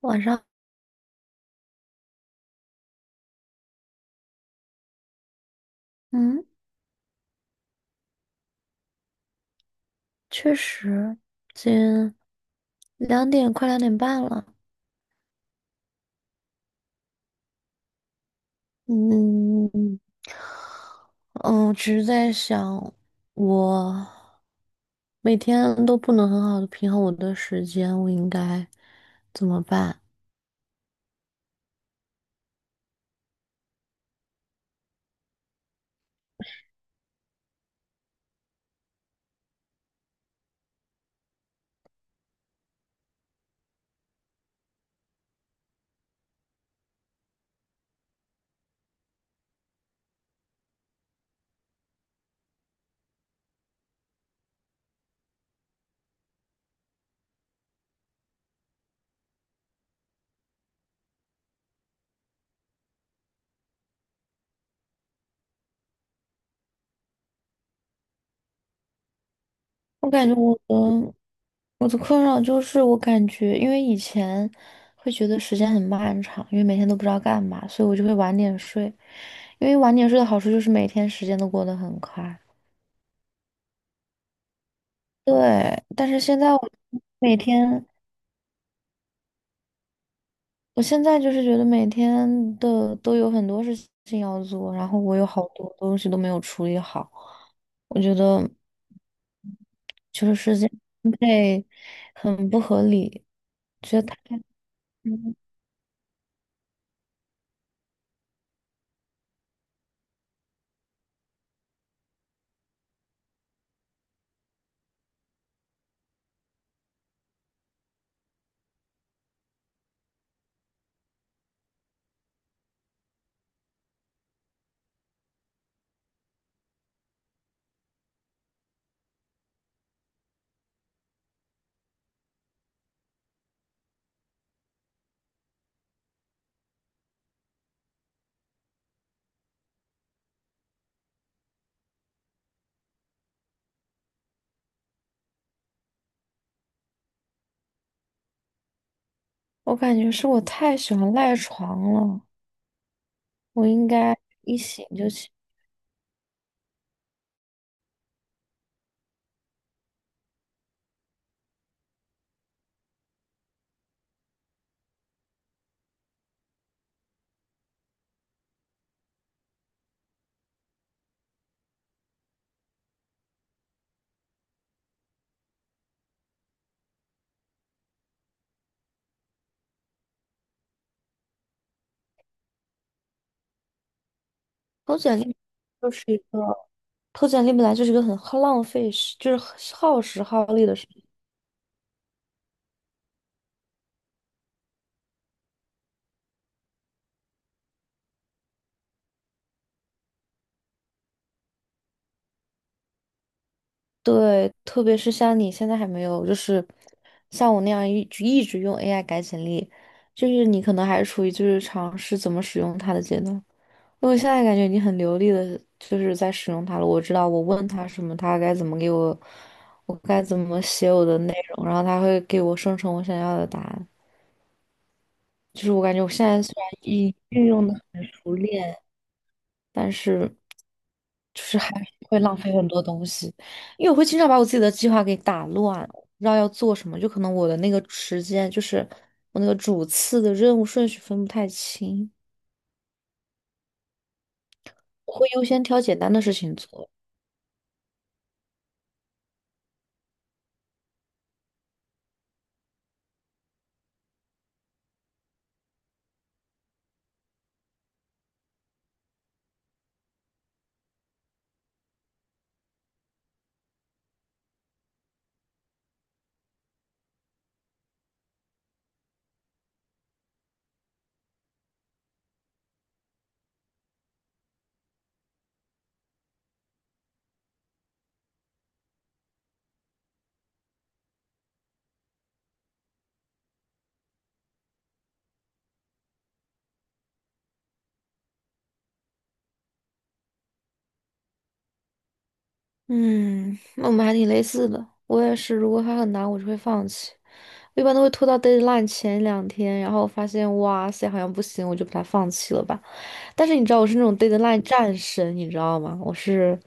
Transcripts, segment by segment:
晚上。嗯。确实，近两点，快2点半了。嗯嗯，只是在想，我每天都不能很好的平衡我的时间，我应该怎么办？我感觉我的困扰就是，我感觉因为以前会觉得时间很漫长，因为每天都不知道干嘛，所以我就会晚点睡。因为晚点睡的好处就是每天时间都过得很快。对。但是现在我每天，我现在就是觉得每天的都有很多事情要做，然后我有好多东西都没有处理好，我觉得就是时间分配很不合理。觉得太，我感觉是我太喜欢赖床了，我应该一醒就起。投简历就是一个投简历本来就是一个很耗浪费时，就是很耗时耗力的事。对，特别是像你现在还没有，就是像我那样一直用 AI 改简历，就是你可能还处于就是尝试怎么使用它的阶段。因为我现在感觉你很流利的就是在使用它了，我知道我问它什么，它该怎么给我，我该怎么写我的内容，然后它会给我生成我想要的答案。就是我感觉我现在虽然已运用的很熟练。但是就是还是会浪费很多东西，因为我会经常把我自己的计划给打乱，不知道要做什么，就可能我的那个时间就是我那个主次的任务顺序分不太清，我会优先挑简单的事情做。嗯，那我们还挺类似的。我也是，如果它很难，我就会放弃。我一般都会拖到 deadline 前2天，然后发现哇塞，好像不行，我就把它放弃了吧。但是你知道我是那种 deadline 战神，你知道吗？我是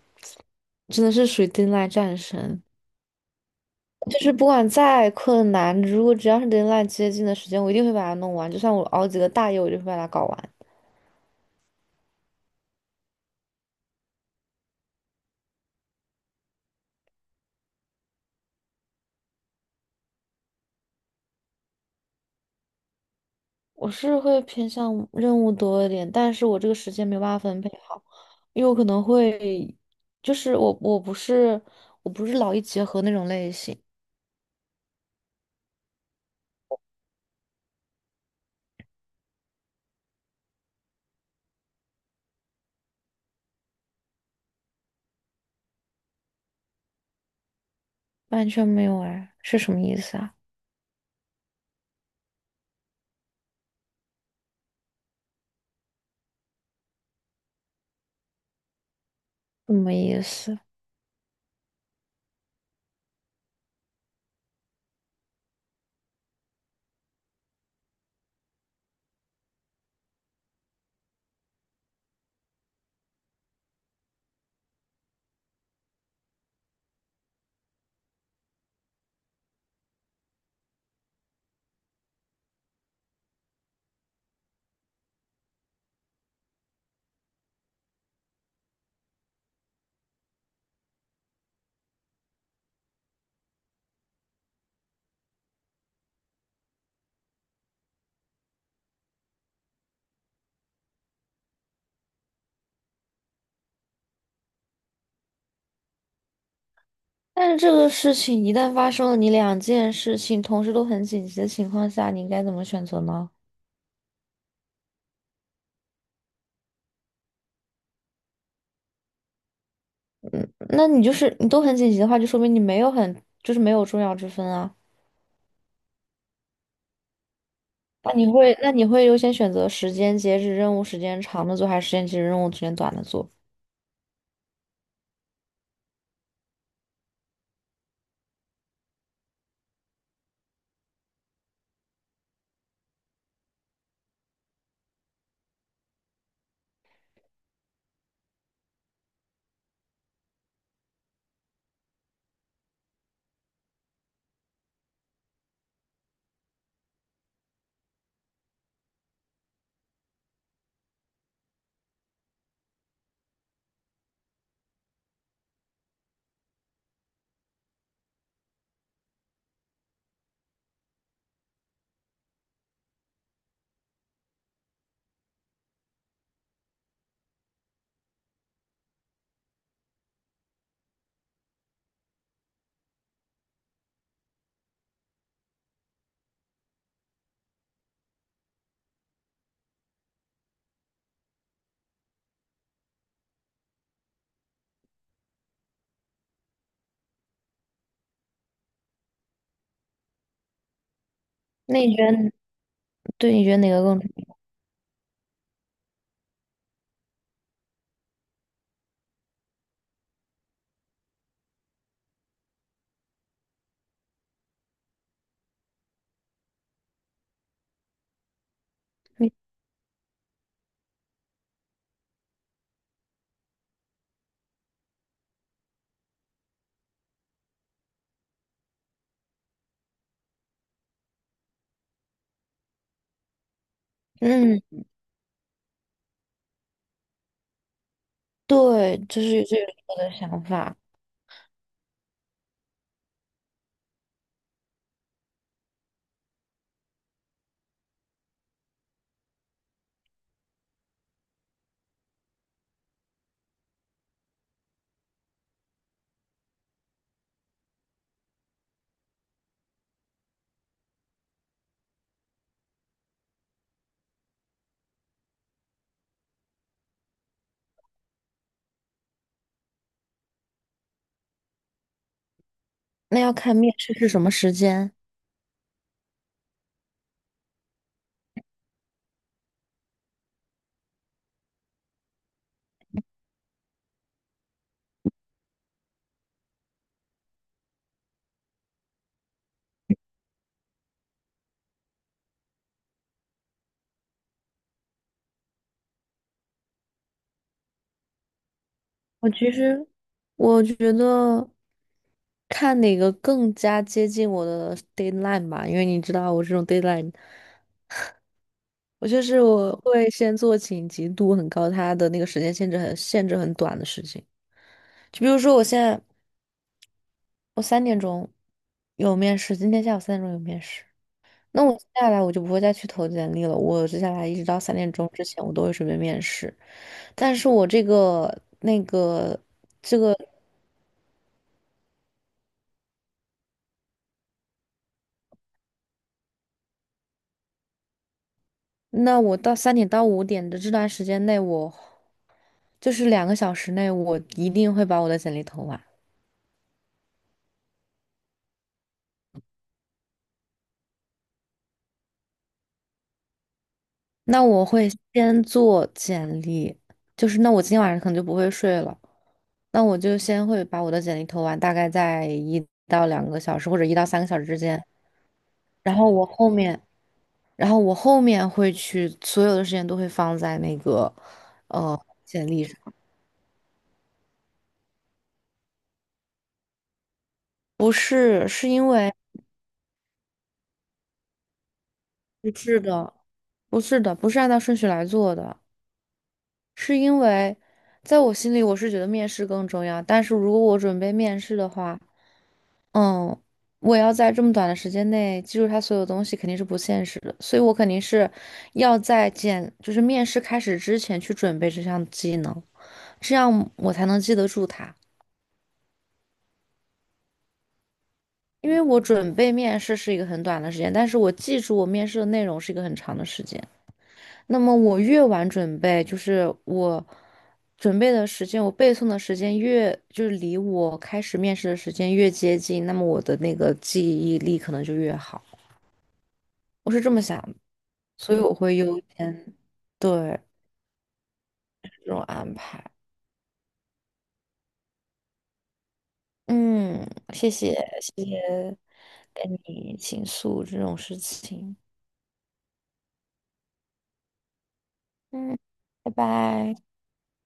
真的是属于 deadline 战神，就是不管再困难，如果只要是 deadline 接近的时间，我一定会把它弄完。就算我熬几个大夜，我就会把它搞完。我是会偏向任务多一点，但是我这个时间没有办法分配好，因为我可能会，就是我不是我不是劳逸结合那种类型。完全没有哎，是什么意思啊？什么意思？但是这个事情一旦发生了，你两件事情同时都很紧急的情况下，你应该怎么选择呢？嗯，那你就是你都很紧急的话，就说明你没有很就是没有重要之分啊。那你会优先选择时间截止任务时间长的做，还是时间截止任务时间短的做？那你觉得哪个更重要你。嗯，对，就是这是我的想法。那要看面试是什么时间。我其实我觉得看哪个更加接近我的 deadline 吧，因为你知道我这种 deadline,我就是我会先做紧急度很高，它的那个时间限制很短的事情。就比如说我现在我三点钟有面试，今天下午三点钟有面试，那我接下来我就不会再去投简历了，我接下来一直到三点钟之前我都会准备面试。但是我这个那个，那我到3点到5点的这段时间内，我就是两个小时内，我一定会把我的简历投完。那我会先做简历，就是那我今天晚上可能就不会睡了，那我就先会把我的简历投完，大概在1到2个小时或者1到3个小时之间。然后我后面，然后我后面会去，所有的时间都会放在那个呃简历上。不是，是因为不是的，不是的，不是按照顺序来做的。是因为在我心里，我是觉得面试更重要。但是如果我准备面试的话，嗯，我要在这么短的时间内记住他所有东西，肯定是不现实的。所以我肯定是要在简，就是面试开始之前去准备这项技能，这样我才能记得住它。因为我准备面试是一个很短的时间，但是我记住我面试的内容是一个很长的时间。那么我越晚准备，就是我准备的时间，我背诵的时间越，就是离我开始面试的时间越接近，那么我的那个记忆力可能就越好。我是这么想的。所以我会优先。对，这种安排。嗯，谢谢，谢谢跟你倾诉这种事情。嗯，拜拜。